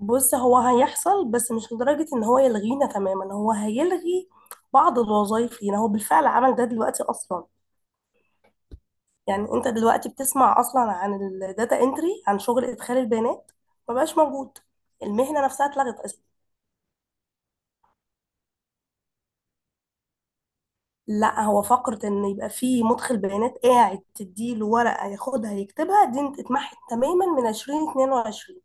بص، هو هيحصل، بس مش لدرجة ان هو يلغينا تماما. هو هيلغي بعض الوظائف لينا. هو بالفعل عمل ده دلوقتي اصلا. يعني انت دلوقتي بتسمع اصلا عن الداتا انتري، عن شغل ادخال البيانات. ما بقاش موجود. المهنة نفسها اتلغت اصلا. لا، هو فقرة ان يبقى في مدخل بيانات قاعد تديله ورقة ياخدها يكتبها دي اتمحت تماما من 2022.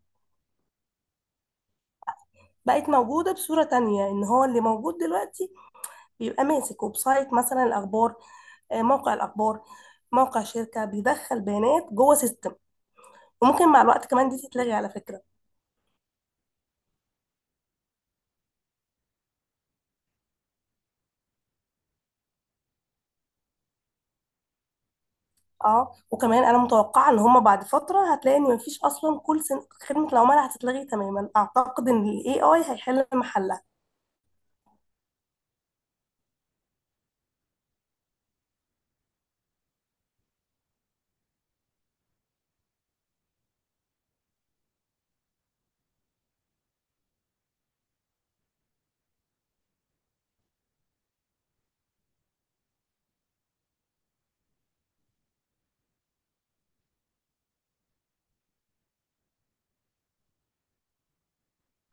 بقت موجودة بصورة تانية، ان هو اللي موجود دلوقتي بيبقى ماسك ويب سايت مثلا الاخبار، موقع الاخبار، موقع شركه بيدخل بيانات جوه سيستم. وممكن مع الوقت كمان دي تتلغي على فكره. اه، وكمان انا متوقعه ان هما بعد فتره هتلاقي ان مفيش اصلا خدمه العملاء هتتلغي تماما. اعتقد ان الاي اي هيحل محلها.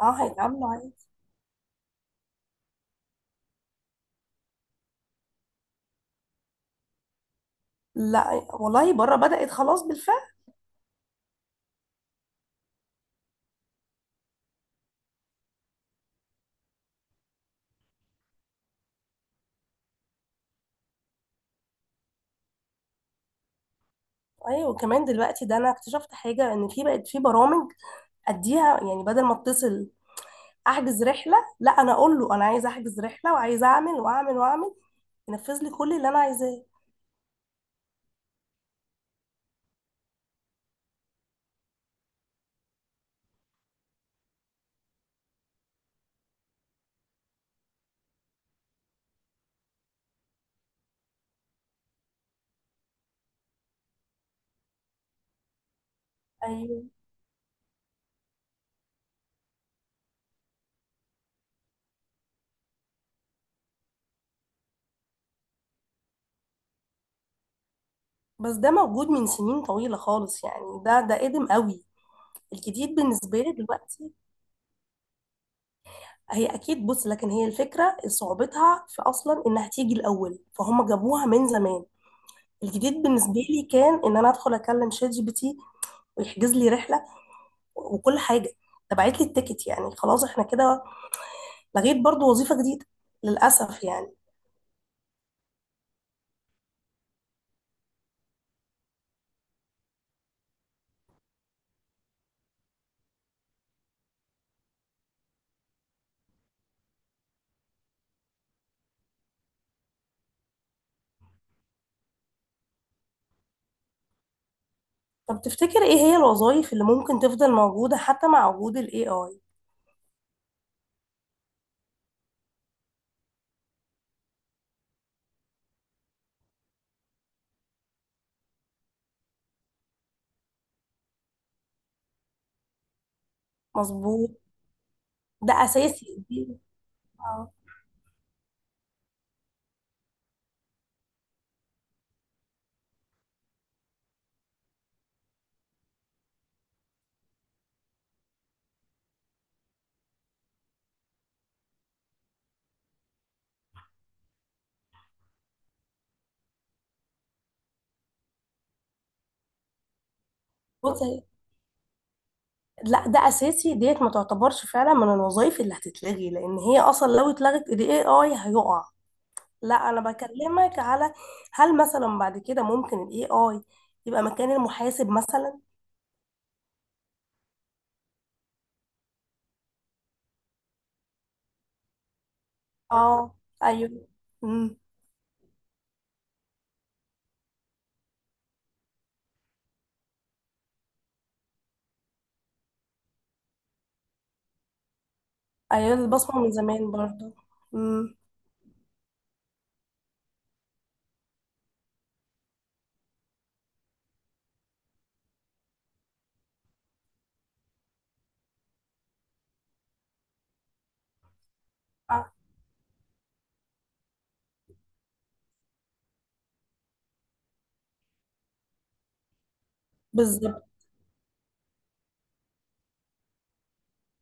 اه، هيتعاملوا عادي. لا والله، بره بدأت خلاص بالفعل. ايوه، وكمان دلوقتي ده انا اكتشفت حاجه ان في بقت في برامج اديها. يعني بدل ما اتصل احجز رحله، لا، انا اقول له انا عايز احجز رحله وعايز اعمل واعمل واعمل، ينفذ لي كل اللي انا عايزاه. ايوه، بس ده موجود من سنين طويلة خالص. يعني ده قديم قوي. الجديد بالنسبة لي دلوقتي هي أكيد. بص، لكن هي الفكرة صعوبتها في أصلا إنها تيجي الأول، فهم جابوها من زمان. الجديد بالنسبة لي كان إن أنا أدخل أكلم شات جي بي تي ويحجز لي رحلة وكل حاجة، تبعت لي التيكت. يعني خلاص إحنا كده لغيت برضو وظيفة جديدة، للأسف يعني. طب تفتكر إيه هي الوظائف اللي ممكن تفضل موجودة حتى مع وجود ال AI؟ مظبوط. ده أساسي دي. آه. بص، لا، ده اساسي ديت، ما تعتبرش فعلا من الوظائف اللي هتتلغي، لان هي اصلا لو اتلغت الاي اي هيقع. لا، انا بكلمك على هل مثلا بعد كده ممكن الاي اي يبقى مكان المحاسب مثلا. اه، ايوه، امم. ايوه، البصمه من زمان برضو. امم. آه، بالظبط،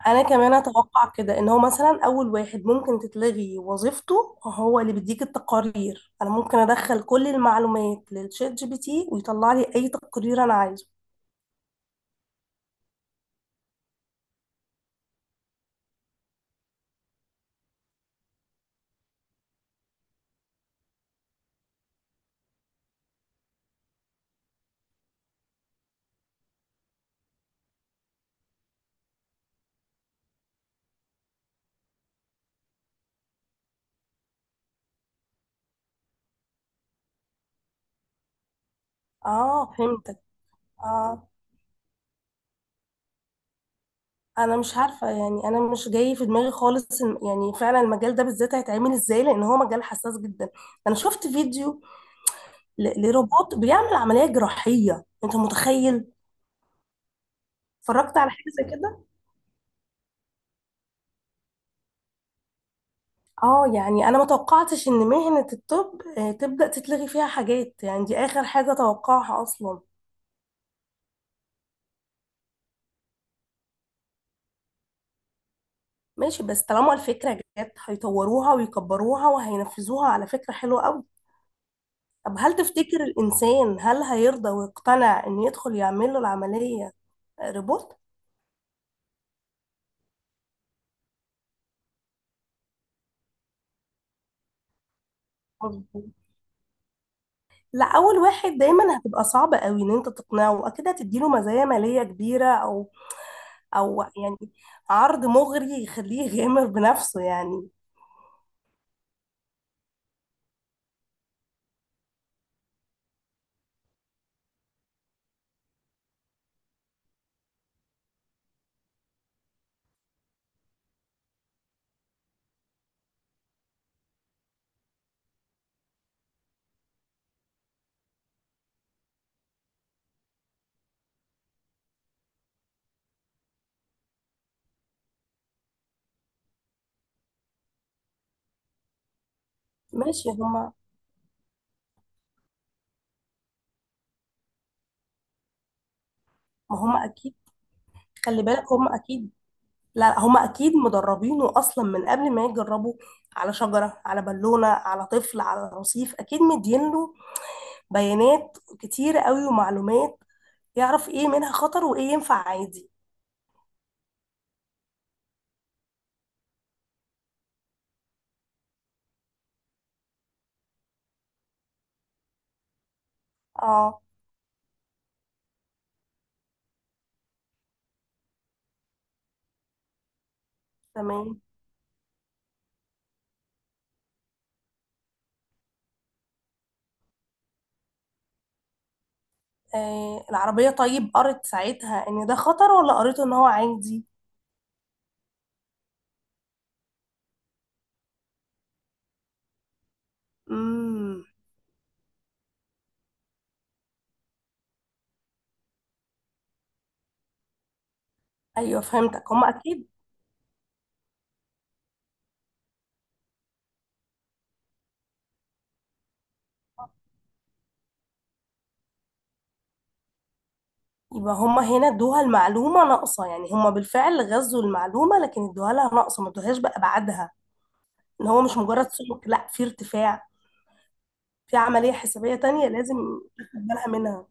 انا كمان اتوقع كده ان هو مثلا اول واحد ممكن تتلغي وظيفته هو اللي بيديك التقارير. انا ممكن ادخل كل المعلومات للشات جي بي تي ويطلع لي اي تقرير انا عايزه. اه، فهمتك. اه. انا مش عارفه، يعني انا مش جاي في دماغي خالص يعني فعلا المجال ده بالذات هيتعمل ازاي، لان هو مجال حساس جدا. انا شفت فيديو ل- لروبوت بيعمل عمليه جراحيه، انت متخيل؟ اتفرجت على حاجه زي كده. اه، يعني انا ما توقعتش ان مهنه الطب تبدا تتلغي فيها حاجات. يعني دي اخر حاجه توقعها اصلا. ماشي، بس طالما الفكره جت هيطوروها ويكبروها وهينفذوها. على فكره حلوه قوي. طب هل تفتكر الإنسان، هل هيرضى ويقتنع إن يدخل يعمل له العملية روبوت؟ مظبوط. لا، أول واحد دايما هتبقى صعبة قوي إن أنت تقنعه. أكيد هتديله مزايا مالية كبيرة، أو يعني عرض مغري يخليه يغامر بنفسه يعني. ماشي. هما ما هما أكيد. خلي بالك، هما أكيد. لا، هما أكيد مدربينه أصلا من قبل ما يجربوا، على شجرة، على بالونة، على طفل، على رصيف، أكيد مدينله بيانات كتير قوي ومعلومات. يعرف ايه منها خطر وايه ينفع عادي. اه، تمام. آه، العربية طيب قرت ساعتها ان ده خطر ولا قريته ان هو عادي؟ امم. ايوه، فهمتك، هما اكيد. يبقى هما هنا ادوها المعلومة ناقصة. يعني هما بالفعل غزوا المعلومة لكن ادوها لها ناقصة، ما ادوهاش بأبعادها. ان هو مش مجرد سلوك، لا، في ارتفاع، في عملية حسابية تانية لازم تاخد بالها منها.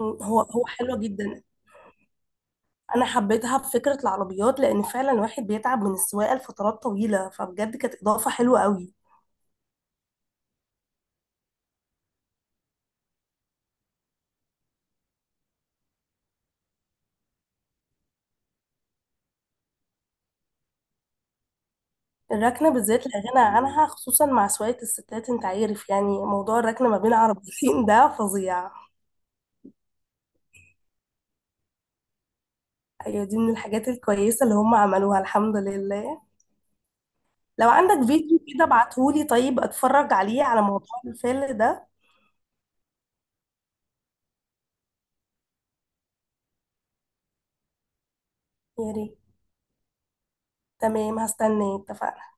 هو حلوة جدا. انا حبيتها بفكره العربيات لان فعلا الواحد بيتعب من السواقه لفترات طويله، فبجد كانت اضافه حلوه قوي. الركنه بالذات لا غنى عنها، خصوصا مع سواقه الستات. انت عارف، يعني موضوع الركنه ما بين عربيتين ده فظيع. ايوه، دي من الحاجات الكويسه اللي هم عملوها، الحمد لله. لو عندك فيديو كده ابعتهولي، طيب اتفرج عليه على موضوع الفيل ده. يا ريت. تمام، هستناه، اتفقنا.